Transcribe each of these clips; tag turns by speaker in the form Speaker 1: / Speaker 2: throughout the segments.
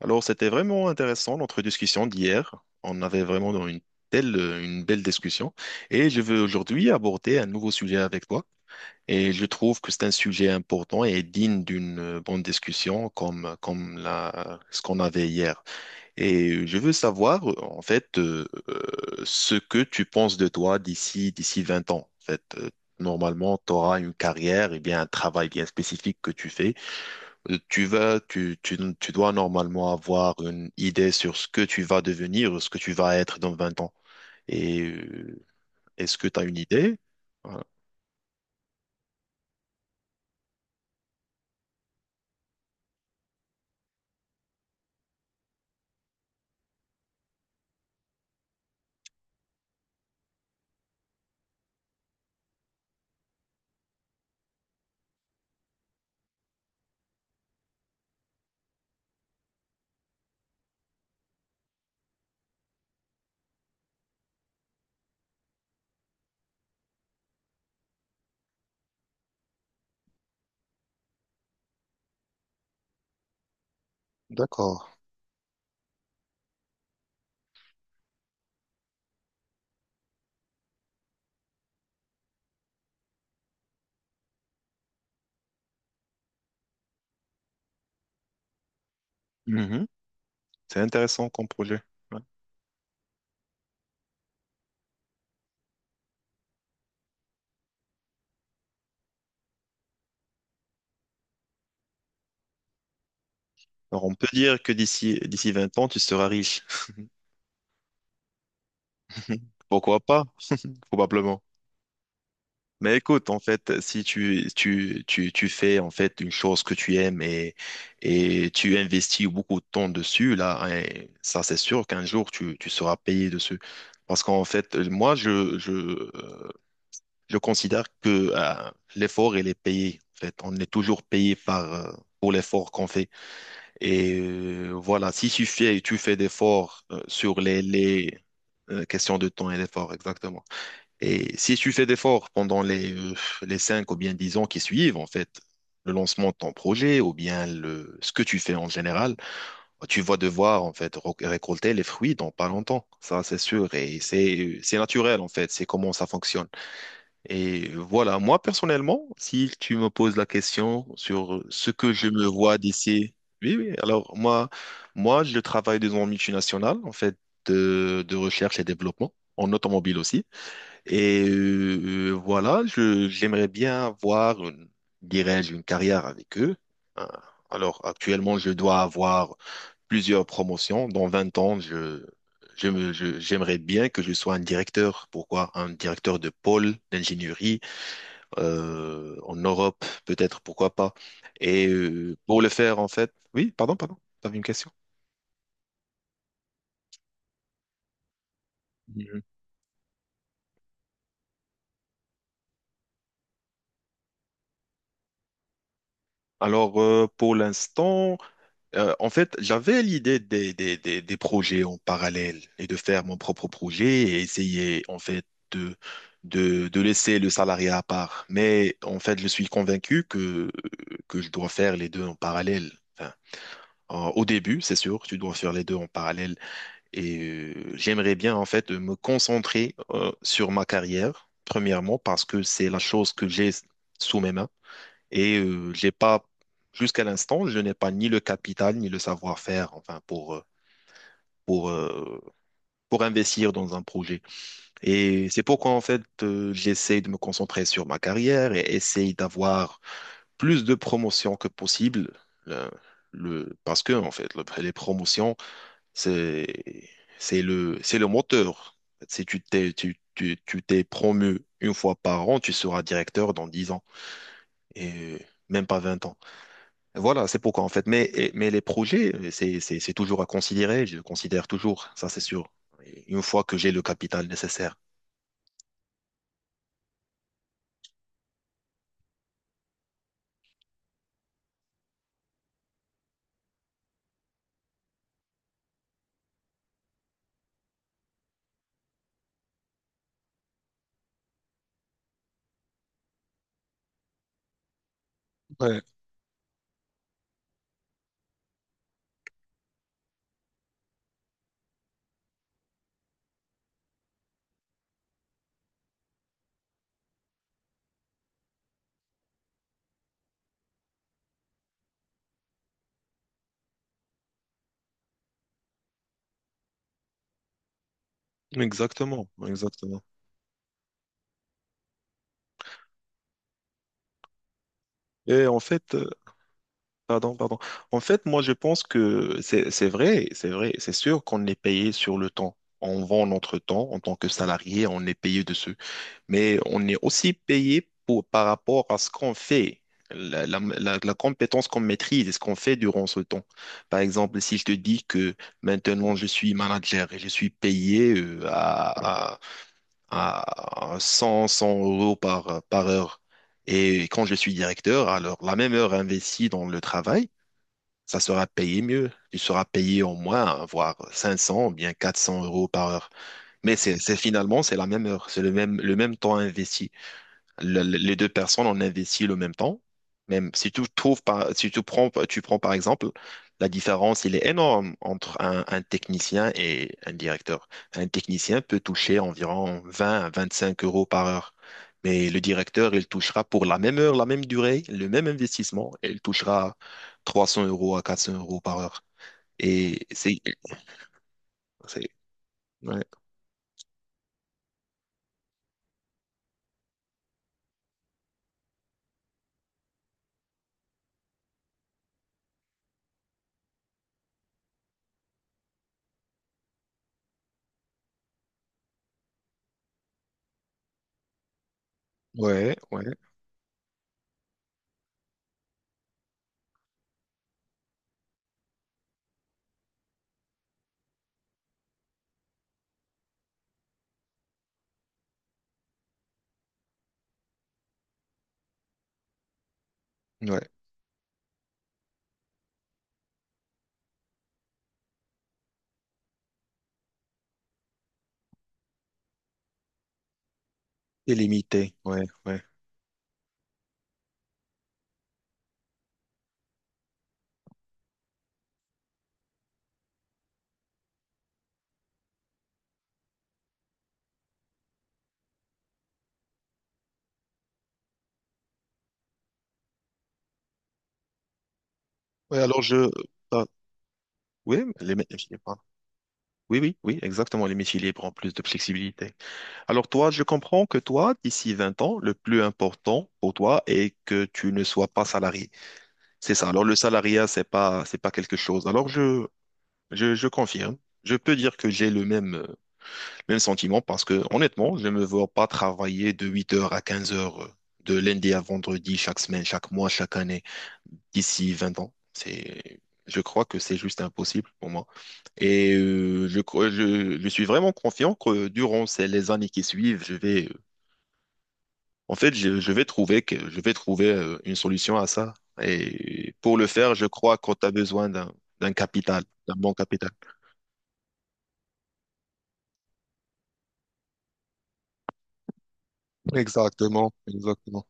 Speaker 1: Alors, c'était vraiment intéressant notre discussion d'hier. On avait vraiment une telle, une belle discussion. Et je veux aujourd'hui aborder un nouveau sujet avec toi. Et je trouve que c'est un sujet important et digne d'une bonne discussion comme ce qu'on avait hier. Et je veux savoir, en fait, ce que tu penses de toi d'ici 20 ans. En fait, normalement, tu auras une carrière et bien un travail bien spécifique que tu fais. Tu vas, tu dois normalement avoir une idée sur ce que tu vas devenir, ce que tu vas être dans 20 ans. Et est-ce que tu as une idée? Voilà. D'accord. Mhm. C'est intéressant comme projet. Ouais. Alors, on peut dire que d'ici 20 ans, tu seras riche. Pourquoi pas? Probablement. Mais écoute, en fait, si tu fais en fait une chose que tu aimes, et tu investis beaucoup de temps dessus, là, hein, ça c'est sûr qu'un jour tu seras payé dessus. Parce qu'en fait, moi, je considère que l'effort, il est payé. En fait, on est toujours payé par, pour l'effort qu'on fait. Et voilà, si tu fais, tu fais d'efforts sur les questions de temps et d'effort, exactement. Et si tu fais d'efforts pendant les 5 ou bien 10 ans qui suivent, en fait, le lancement de ton projet ou bien le, ce que tu fais en général, tu vas devoir, en fait, récolter les fruits dans pas longtemps. Ça, c'est sûr. Et c'est naturel, en fait. C'est comment ça fonctionne. Et voilà. Moi, personnellement, si tu me poses la question sur ce que je me vois d'ici, oui, oui. Alors, moi, je travaille dans une multinationale, en fait, de recherche et développement, en automobile aussi. Et voilà, je, j'aimerais bien avoir une, dirais-je, une carrière avec eux. Euh, Alors, actuellement, je dois avoir plusieurs promotions. Dans 20 ans, j'aimerais bien que je sois un directeur. Pourquoi? Un directeur de pôle d'ingénierie en Europe, peut-être, pourquoi pas. Et pour le faire, en fait, oui, pardon, t'avais une question? Mhm. Alors, pour l'instant, en fait, j'avais l'idée des projets en parallèle et de faire mon propre projet et essayer en fait de, de laisser le salariat à part. Mais en fait, je suis convaincu que je dois faire les deux en parallèle. Enfin, au début, c'est sûr, tu dois faire les deux en parallèle. Et j'aimerais bien en fait me concentrer sur ma carrière, premièrement, parce que c'est la chose que j'ai sous mes mains. Et j'ai pas, jusqu'à l'instant, je n'ai pas ni le capital ni le savoir-faire, enfin, pour, pour, euh, pour investir dans un projet. Et c'est pourquoi, en fait, j'essaie de me concentrer sur ma carrière et essaye d'avoir plus de promotions que possible. Le, Parce que, en fait, les promotions, c'est, c'est c'est le moteur. Si tu t'es promu une fois par an, tu seras directeur dans 10 ans et même pas 20 ans. Voilà, c'est pourquoi en fait. Mais, mais les projets, c'est toujours à considérer, je le considère toujours, ça c'est sûr. Et une fois que j'ai le capital nécessaire. Ouais. Exactement, exactement. Et en fait, pardon. En fait, moi, je pense que c'est vrai, c'est sûr qu'on est payé sur le temps. On vend notre temps en tant que salarié, on est payé dessus. Mais on est aussi payé pour, par rapport à ce qu'on fait, la compétence qu'on maîtrise et ce qu'on fait durant ce temps. Par exemple, si je te dis que maintenant je suis manager et je suis payé à 100, 100 € par heure. Et quand je suis directeur, alors la même heure investie dans le travail, ça sera payé mieux. Tu seras payé au moins, hein, voire 500, bien 400 € par heure. Mais finalement, c'est la même heure, c'est le même temps investi, les deux personnes ont investi le même temps. Même si tu trouves si tu prends par exemple, la différence, il est énorme entre un technicien et un directeur. Un technicien peut toucher environ 20 à 25 € par heure. Mais le directeur, il touchera pour la même heure, la même durée, le même investissement, et il touchera 300 à 400 € par heure. Et c'est, ouais, ouais, ouais, ouais. C'est limité, ouais, ouais. Ouais, ah, oui, les, oui, oui, oui, exactement. Les métiers libres ont plus de flexibilité. Alors toi, je comprends que toi, d'ici 20 ans, le plus important pour toi est que tu ne sois pas salarié. C'est ça. Alors le salariat, c'est pas quelque chose. Je confirme. Je peux dire que j'ai le même, même sentiment parce que honnêtement, je ne me vois pas travailler de 8h à 15h de lundi à vendredi chaque semaine, chaque mois, chaque année d'ici 20 ans. C'est, je crois que c'est juste impossible pour moi. Et je suis vraiment confiant que durant ces, les années qui suivent, je vais, je vais je vais trouver une solution à ça. Et pour le faire, je crois qu'on a besoin d'un capital, d'un bon capital. Exactement, exactement.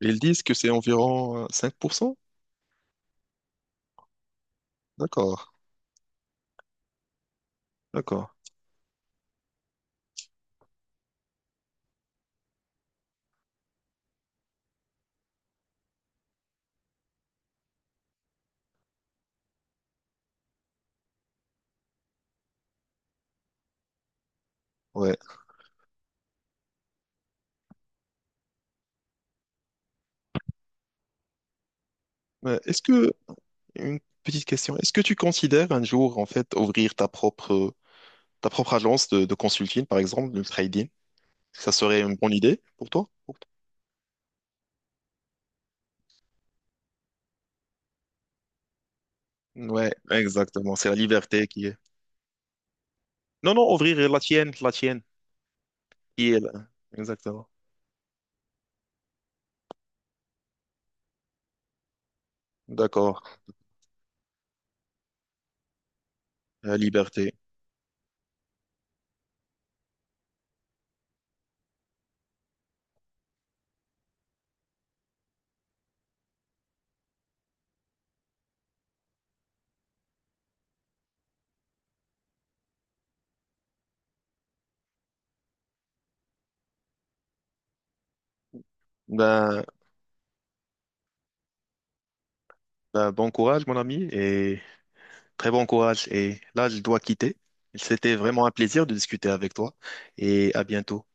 Speaker 1: Ils disent que c'est environ 5%. D'accord, d'accord, ouais. Ouais, une petite question, est-ce que tu considères un jour, en fait, ouvrir ta propre agence de consulting, par exemple, de trading? Ça serait une bonne idée pour toi? Ouais, exactement. C'est la liberté qui est. Non, non, ouvrir la tienne, qui est là. Exactement. D'accord. La liberté. Ben, ben, bon courage, mon ami, et très bon courage. Et là, je dois quitter. C'était vraiment un plaisir de discuter avec toi, et à bientôt.